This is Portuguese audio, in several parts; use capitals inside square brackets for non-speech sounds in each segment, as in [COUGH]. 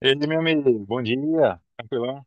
Ele, meu amigo, bom dia, tranquilão?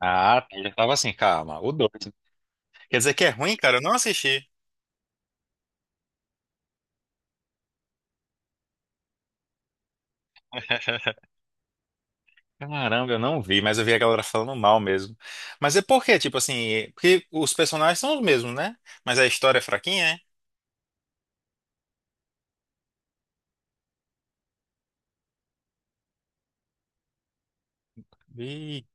Ah, eu já tava assim, calma, o dois. Quer dizer que é ruim, cara? Eu não assisti. [LAUGHS] Caramba, eu não vi, mas eu vi a galera falando mal mesmo. Mas é porque tipo assim, porque os personagens são os mesmos, né? Mas a história é fraquinha, é? Vi.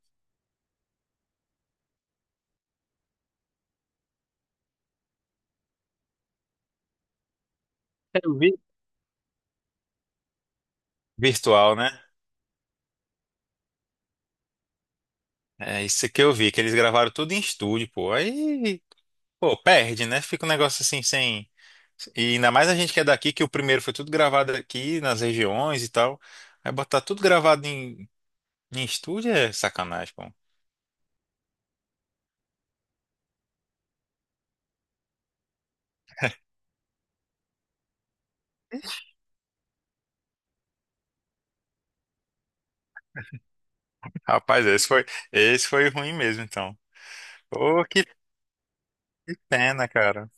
Eu vi. Virtual, né? É isso que eu vi, que eles gravaram tudo em estúdio, pô. Aí, pô, perde, né? Fica um negócio assim, sem. E ainda mais a gente que é daqui, que o primeiro foi tudo gravado aqui nas regiões e tal. Aí botar tudo gravado em em estúdio é sacanagem, pô. Rapaz, esse foi ruim mesmo, então. Pô, que pena, cara.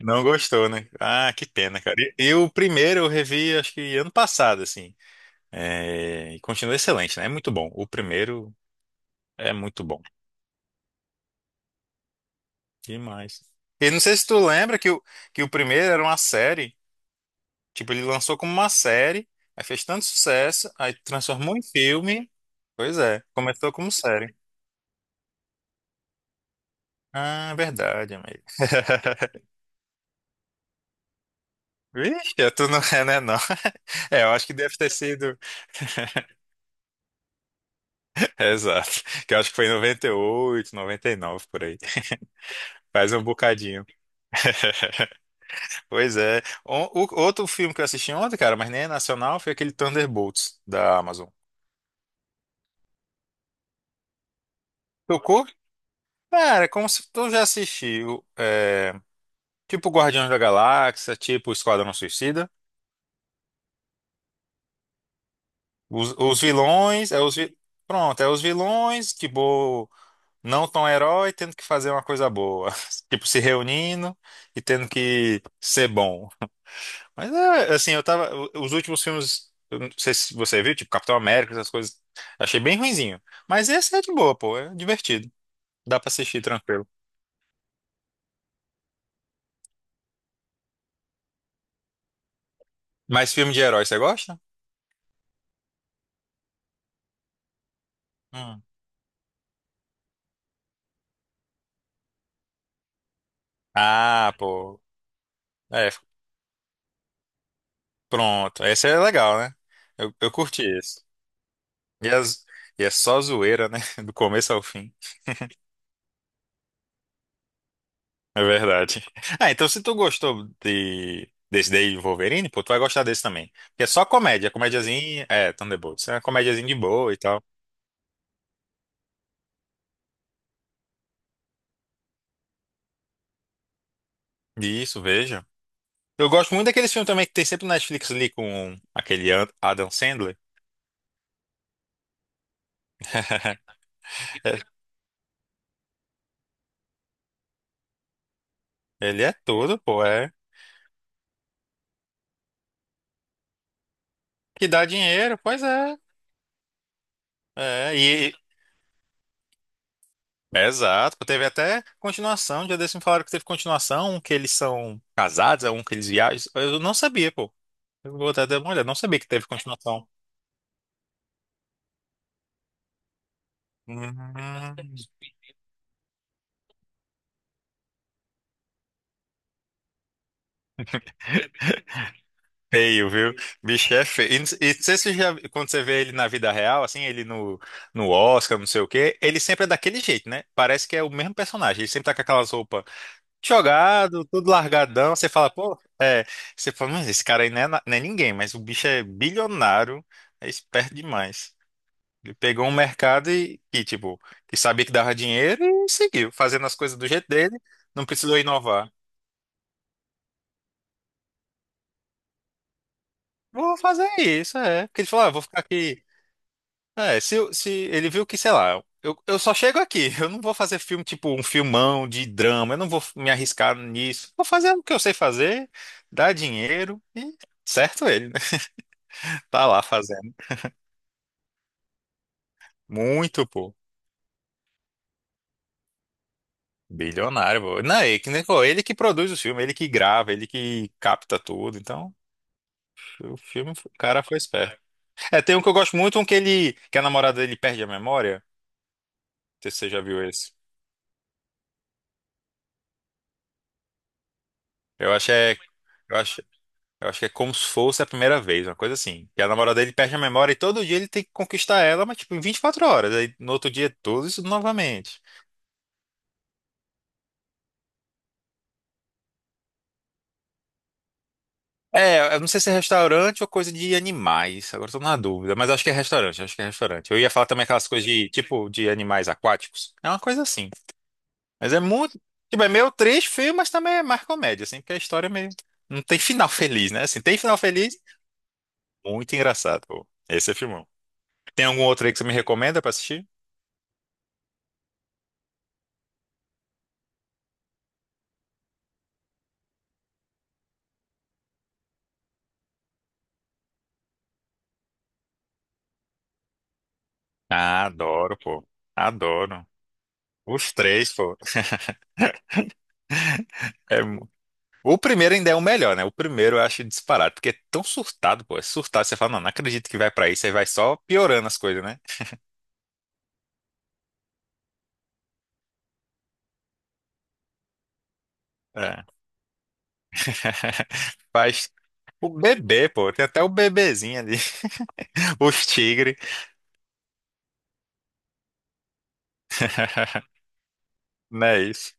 Não gostou, né? Ah, que pena, cara. E o primeiro eu revi, acho que ano passado, assim. É, e continua excelente, né? É muito bom. O primeiro é muito bom. Demais. E não sei se tu lembra que o primeiro era uma série. Tipo, ele lançou como uma série, aí fez tanto sucesso, aí transformou em filme. Pois é, começou como série. Ah, verdade, amigo. [LAUGHS] Vixe, tu não é, né, não. [LAUGHS] É, eu acho que deve ter sido. [LAUGHS] Exato. Que eu acho que foi em 98, 99 por aí. [LAUGHS] Faz um bocadinho. [LAUGHS] Pois é. Outro filme que eu assisti ontem, cara, mas nem é nacional, foi aquele Thunderbolts da Amazon. Tocou? Cara, é como se tu já assistiu. É, tipo Guardiões da Galáxia, tipo Esquadrão Suicida. Os vilões, pronto, é os vilões, tipo, não tão herói, tendo que fazer uma coisa boa. [LAUGHS] Tipo, se reunindo e tendo que ser bom. Mas é, assim, eu tava. Os últimos filmes, eu não sei se você viu, tipo Capitão América, essas coisas, achei bem ruinzinho. Mas esse é de boa, pô, é divertido. Dá pra assistir tranquilo. Mas filme de herói, você gosta? Hum. Ah, pô. É, pronto. Esse é legal, né? Eu curti esse. E, as, e é só zoeira, né? [LAUGHS] Do começo ao fim. É verdade. Ah, então se tu gostou desse daí de Wolverine, pô, tu vai gostar desse também. Porque é só comédia, comédiazinha, é, Thunderbolts, é uma comédiazinha de boa e tal. Isso, veja. Eu gosto muito daqueles filmes também que tem sempre na Netflix ali com aquele Adam Sandler. [LAUGHS] É, ele é tudo, pô, é. Que dá dinheiro, pois é. É, e... é, exato, pô, teve até continuação, já desse me falaram que teve continuação, um que eles são casados, é um que eles viajam. Eu não sabia, pô. Eu vou até dar uma olhada, não sabia que teve continuação. Hum, feio, viu? Bicho é feio. E não sei se você já, quando você vê ele na vida real, assim, ele no, no Oscar, não sei o quê, ele sempre é daquele jeito, né? Parece que é o mesmo personagem. Ele sempre tá com aquelas roupas jogado, tudo largadão. Você fala, pô, é. Você fala, mas esse cara aí não é ninguém, mas o bicho é bilionário, é esperto demais. Ele pegou um mercado e, tipo, que sabia que dava dinheiro e seguiu, fazendo as coisas do jeito dele, não precisou inovar. Vou fazer isso, é. Porque ele falou, ah, vou ficar aqui. É, se ele viu que, sei lá, eu só chego aqui, [LAUGHS] eu não vou fazer filme tipo um filmão de drama, eu não vou me arriscar nisso. Vou fazer o que eu sei fazer, dar dinheiro e certo ele, né? [LAUGHS] Tá lá fazendo. Muito, pô. Bilionário, pô. Não, ele, que nem- pô, ele que produz o filme, ele que grava, ele que capta tudo. Então, o filme, o cara foi esperto. É, tem um que eu gosto muito, um que ele, que a namorada dele perde a memória. Não sei se você já viu esse. Eu acho é, eu acho. Eu acho que é como se fosse a primeira vez, uma coisa assim. E a namorada dele perde a memória e todo dia ele tem que conquistar ela, mas tipo, em 24 horas. Aí no outro dia é tudo isso novamente. É, eu não sei se é restaurante ou coisa de animais. Agora eu tô na dúvida, mas acho que é restaurante. Eu ia falar também aquelas coisas de, tipo, de animais aquáticos. É uma coisa assim. Mas é muito, tipo, é meio triste, feio, mas também é mais comédia, assim, porque a história é meio... Não tem final feliz, né? Assim, tem final feliz, muito engraçado, pô. Esse é filmão. Tem algum outro aí que você me recomenda pra assistir? Ah, adoro, pô. Adoro. Os três, pô. É mu- O primeiro ainda é o melhor, né? O primeiro eu acho disparado, porque é tão surtado, pô. É surtado. Você fala, não, não acredito que vai pra isso. Aí vai só piorando as coisas, né? É. [LAUGHS] Faz o bebê, pô. Tem até o bebezinho ali. [LAUGHS] Os tigres. [LAUGHS] Não é isso?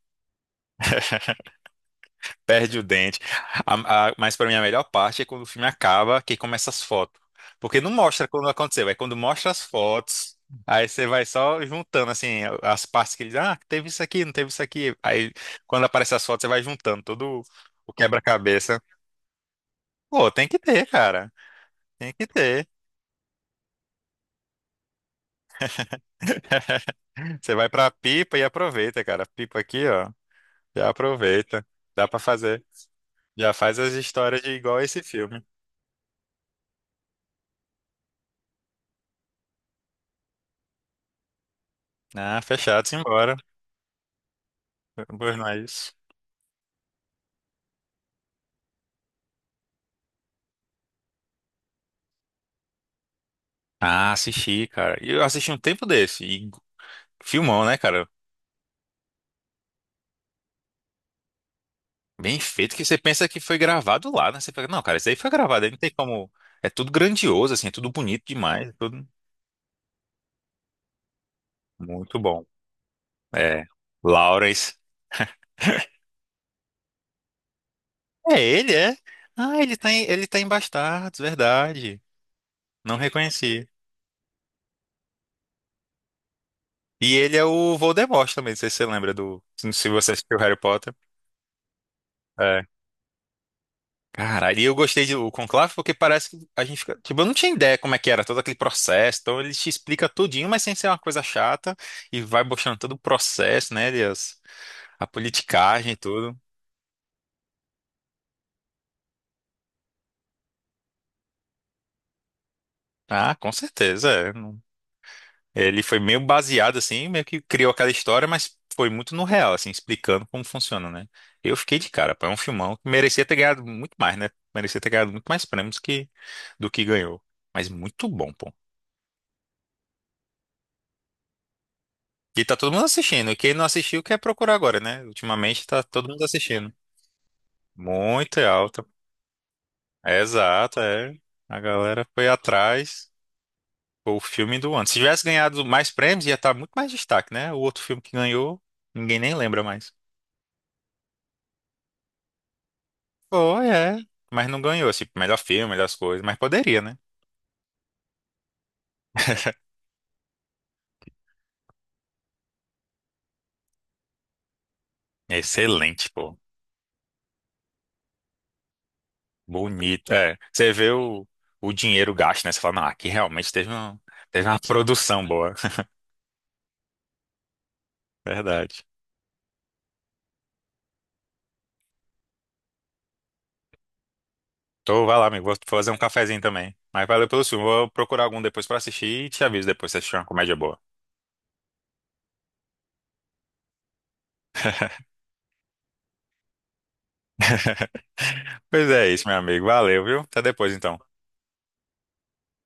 Perde o dente. Mas para mim a melhor parte é quando o filme acaba, que começa as fotos. Porque não mostra quando aconteceu, é quando mostra as fotos, aí você vai só juntando assim as partes que ele diz, ah, teve isso aqui, não teve isso aqui. Aí quando aparece as fotos, você vai juntando todo o quebra-cabeça. Pô, tem que ter, cara. Tem que ter. [LAUGHS] Você vai pra pipa e aproveita, cara. Pipa aqui, ó, já aproveita. Dá pra fazer. Já faz as histórias de igual esse filme. Ah, fechado, simbora. Pois não é isso. Ah, assisti, cara. E eu assisti um tempo desse. E filmão, né, cara? Bem feito que você pensa que foi gravado lá, né? Você fica, não, cara, isso aí foi gravado, aí não tem como. É tudo grandioso, assim, é tudo bonito demais, é tudo muito bom. É. Lawrence. [LAUGHS] É ele, é? Ah, ele tá em Bastardos, verdade. Não reconheci. E ele é o Voldemort também, não sei se você lembra do. Se você assistiu Harry Potter. É. Cara, e eu gostei do Conclave porque parece que a gente fica. Tipo, eu não tinha ideia como é que era todo aquele processo. Então ele te explica tudinho, mas sem ser uma coisa chata. E vai mostrando todo o processo, né? A politicagem e tudo. Ah, com certeza. É. Não, ele foi meio baseado, assim, meio que criou aquela história, mas foi muito no real, assim, explicando como funciona, né? Eu fiquei de cara, pô. É um filmão que merecia ter ganhado muito mais, né? Merecia ter ganhado muito mais prêmios que... do que ganhou. Mas muito bom, pô. E tá todo mundo assistindo. E quem não assistiu quer procurar agora, né? Ultimamente tá todo mundo assistindo. Muito é alta. É exato, é. A galera foi atrás. Foi o filme do ano. Se tivesse ganhado mais prêmios, ia estar muito mais destaque, né? O outro filme que ganhou, ninguém nem lembra mais. Foi, é. Mas não ganhou, assim, melhor filme, melhores coisas. Mas poderia, né? [LAUGHS] Excelente, pô. Bonito. É. Você vê o dinheiro gasto, né? Você fala, não, aqui realmente teve uma produção boa. [LAUGHS] Verdade. Tô, vai lá, amigo. Vou fazer um cafezinho também. Mas valeu pelo filme. Vou procurar algum depois pra assistir e te aviso depois se assistir uma comédia boa. [LAUGHS] Pois é isso, meu amigo. Valeu, viu? Até depois, então.